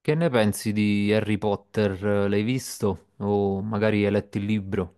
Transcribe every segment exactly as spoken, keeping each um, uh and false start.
Che ne pensi di Harry Potter? L'hai visto? O magari hai letto il libro?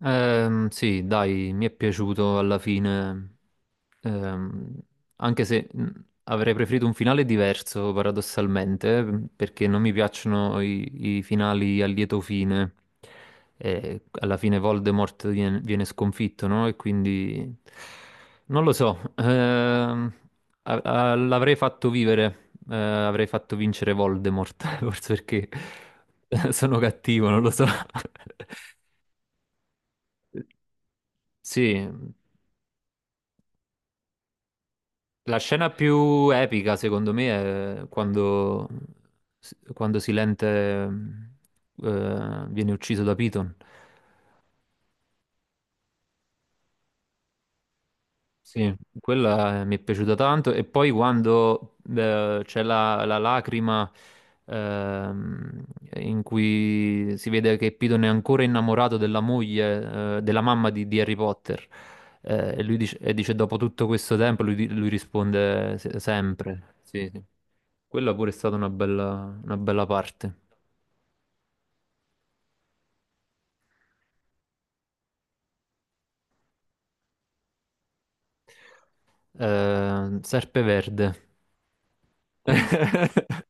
Ehm, sì, dai, mi è piaciuto alla fine. Ehm, Anche se mh, avrei preferito un finale diverso, paradossalmente, mh, perché non mi piacciono i, i finali a lieto fine. Eh, alla fine Voldemort viene, viene sconfitto, no? E quindi non lo so. Ehm, a- a- l'avrei fatto vivere, eh, avrei fatto vincere Voldemort, forse perché sono cattivo, non lo so. Sì. La scena più epica, secondo me, è quando, quando Silente eh, viene ucciso da Piton. Sì, quella eh, mi è piaciuta tanto. E poi quando eh, c'è la, la lacrima, ehm, in cui si vede che Piton è ancora innamorato della moglie, eh, della mamma di, di Harry Potter. Eh, e lui dice, e dice, dopo tutto questo tempo, lui, di- lui risponde se- sempre. Sì, sì. Quella pure è stata una bella, una bella parte. Eh, Serpe Verde.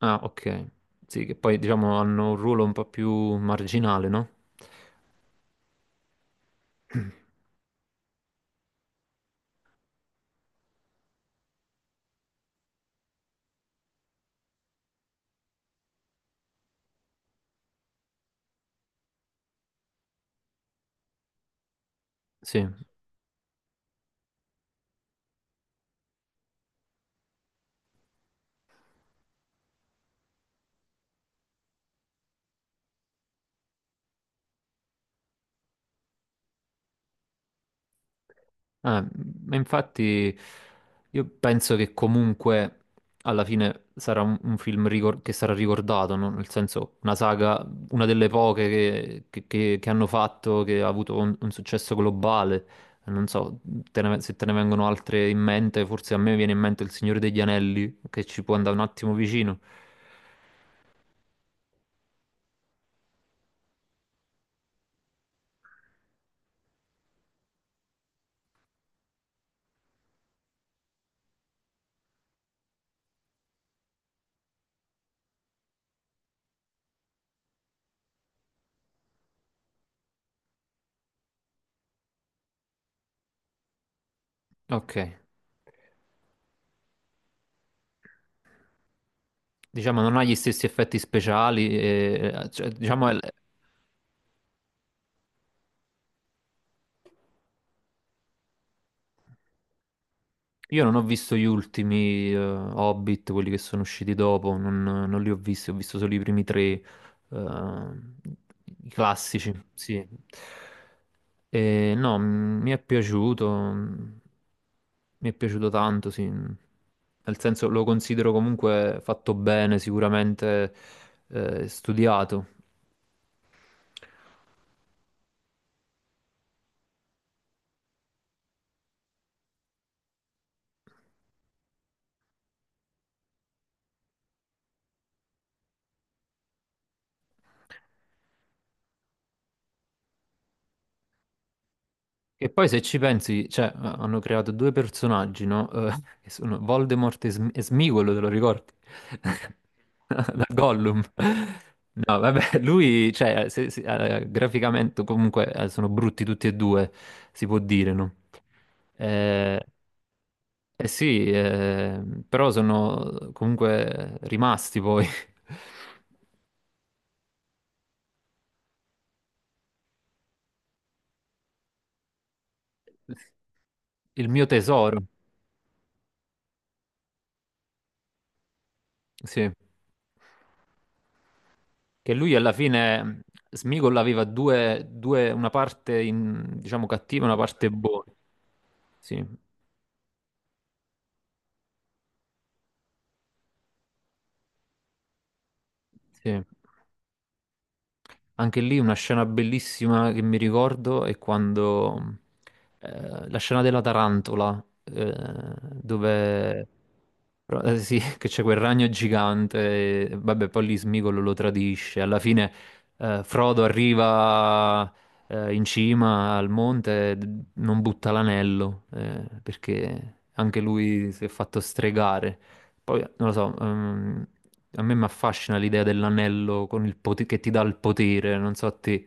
Ah, ok. Sì, che poi diciamo hanno un ruolo un po' più marginale, no? Sì. Eh, ma infatti io penso che comunque alla fine sarà un, un film ricor- che sarà ricordato, no? Nel senso una saga, una delle poche che, che- che- che hanno fatto, che ha avuto un, un successo globale. Non so te ne- se te ne vengono altre in mente, forse a me viene in mente Il Signore degli Anelli, che ci può andare un attimo vicino. Ok, diciamo non ha gli stessi effetti speciali, e, eh, cioè, diciamo è, mm. Io non ho visto gli ultimi eh, Hobbit, quelli che sono usciti dopo, non, non li ho visti, ho visto solo i primi tre, eh, i classici, sì. E, no, m- mi è piaciuto, m- mi è piaciuto tanto, sì. Nel senso lo considero comunque fatto bene, sicuramente eh, studiato. E poi se ci pensi, cioè, eh, hanno creato due personaggi, no? Eh, che sono Voldemort e, Sm- e Smigolo, te lo ricordi? Da Gollum. No, vabbè, lui, cioè, se- se- eh, graficamente comunque eh, sono brutti tutti e due, si può dire, no? Eh, eh sì, eh, però sono comunque rimasti poi. Il mio tesoro, sì. Che lui alla fine Smigol aveva due, due- una parte in- diciamo cattiva e una parte buona. Sì, sì. Anche lì una scena bellissima che mi ricordo è quando eh, la scena della tarantola, eh, dove eh, sì, che c'è quel ragno gigante, e, vabbè, poi lì Smigolo lo tradisce. Alla fine eh, Frodo arriva eh, in cima al monte, e d- non butta l'anello, eh, perché anche lui si è fatto stregare. Poi, non lo so, ehm, a me mi affascina l'idea dell'anello con il pote- che ti dà il potere, non so a te.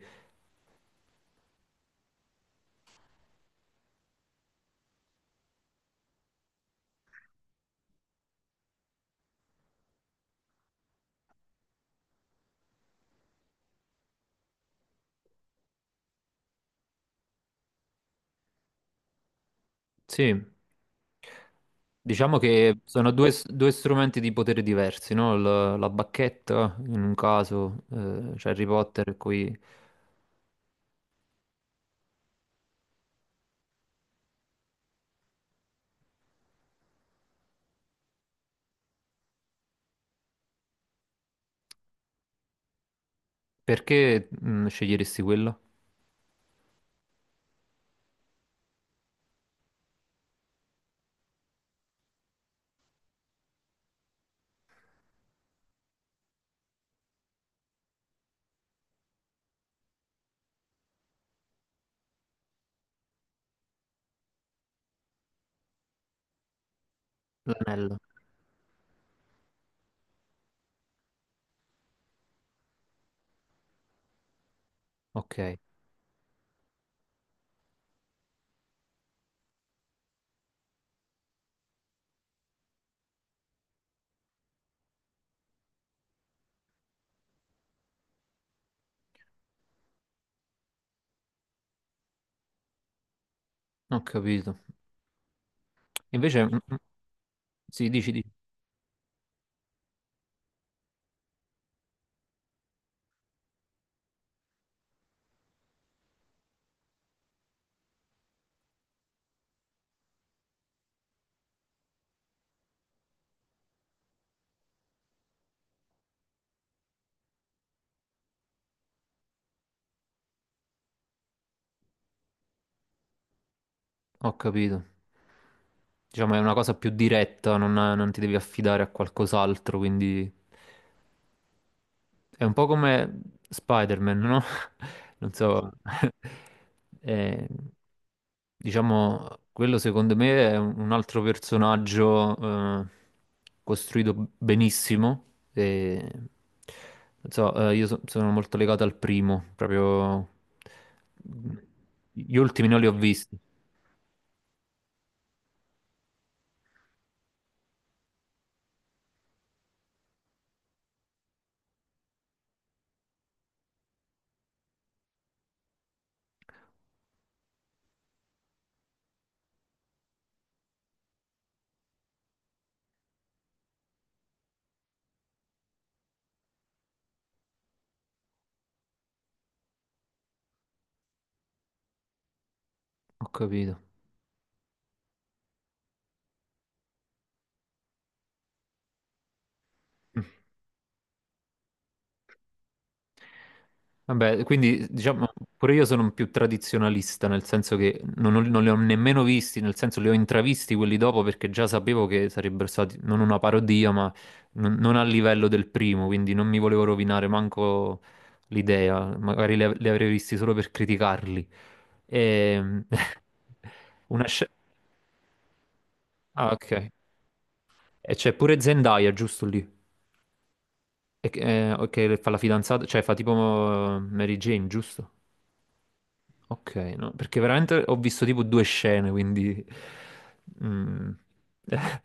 Sì, diciamo che sono due, s- due strumenti di potere diversi, no? Il- la bacchetta, in un caso, eh, c'è Harry Potter qui. Perché mm, sceglieresti quello? L'anello. Ok, non ho capito. Invece, mm, mm, sì, dici, dici. Ho capito. Diciamo è una cosa più diretta, non, non ti devi affidare a qualcos'altro, quindi è un po' come Spider-Man, no? Non so. Eh, diciamo, quello secondo me è un un altro personaggio eh, costruito benissimo. E, non so, eh, io so- sono molto legato al primo, proprio gli ultimi non li ho visti. Ho capito. Mm. Vabbè, quindi diciamo pure io sono un più tradizionalista, nel senso che non, ho- non li ho nemmeno visti, nel senso li ho intravisti quelli dopo perché già sapevo che sarebbero stati non una parodia, ma non, non a livello del primo, quindi non mi volevo rovinare manco l'idea, magari li, av- li avrei visti solo per criticarli. E... Una sce- ah, ok. E c'è pure Zendaya, giusto lì, e, che eh, che fa la fidanzata, cioè fa tipo eh, Mary Jane, giusto? Ok, no, perché veramente ho visto tipo due scene, quindi... mm.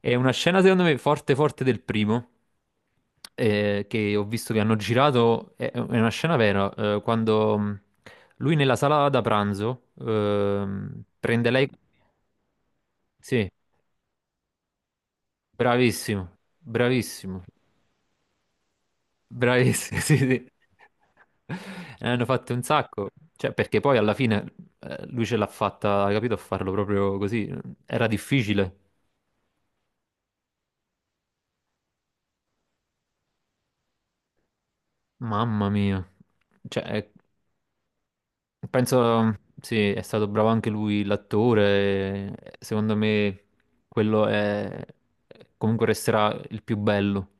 È una scena secondo me forte forte del primo, eh, che ho visto che hanno girato, è, è una scena vera, eh, quando mm, lui nella sala da pranzo ehm, prende lei... Sì, bravissimo, bravissimo. Bravissimi, sì, sì. Ne hanno fatto un sacco. Cioè, perché poi alla fine eh, lui ce l'ha fatta, hai capito, a farlo proprio così. Era difficile. Mamma mia. Cioè, eh, penso, sì, è stato bravo anche lui, l'attore. Eh, secondo me quello è... comunque resterà il più bello.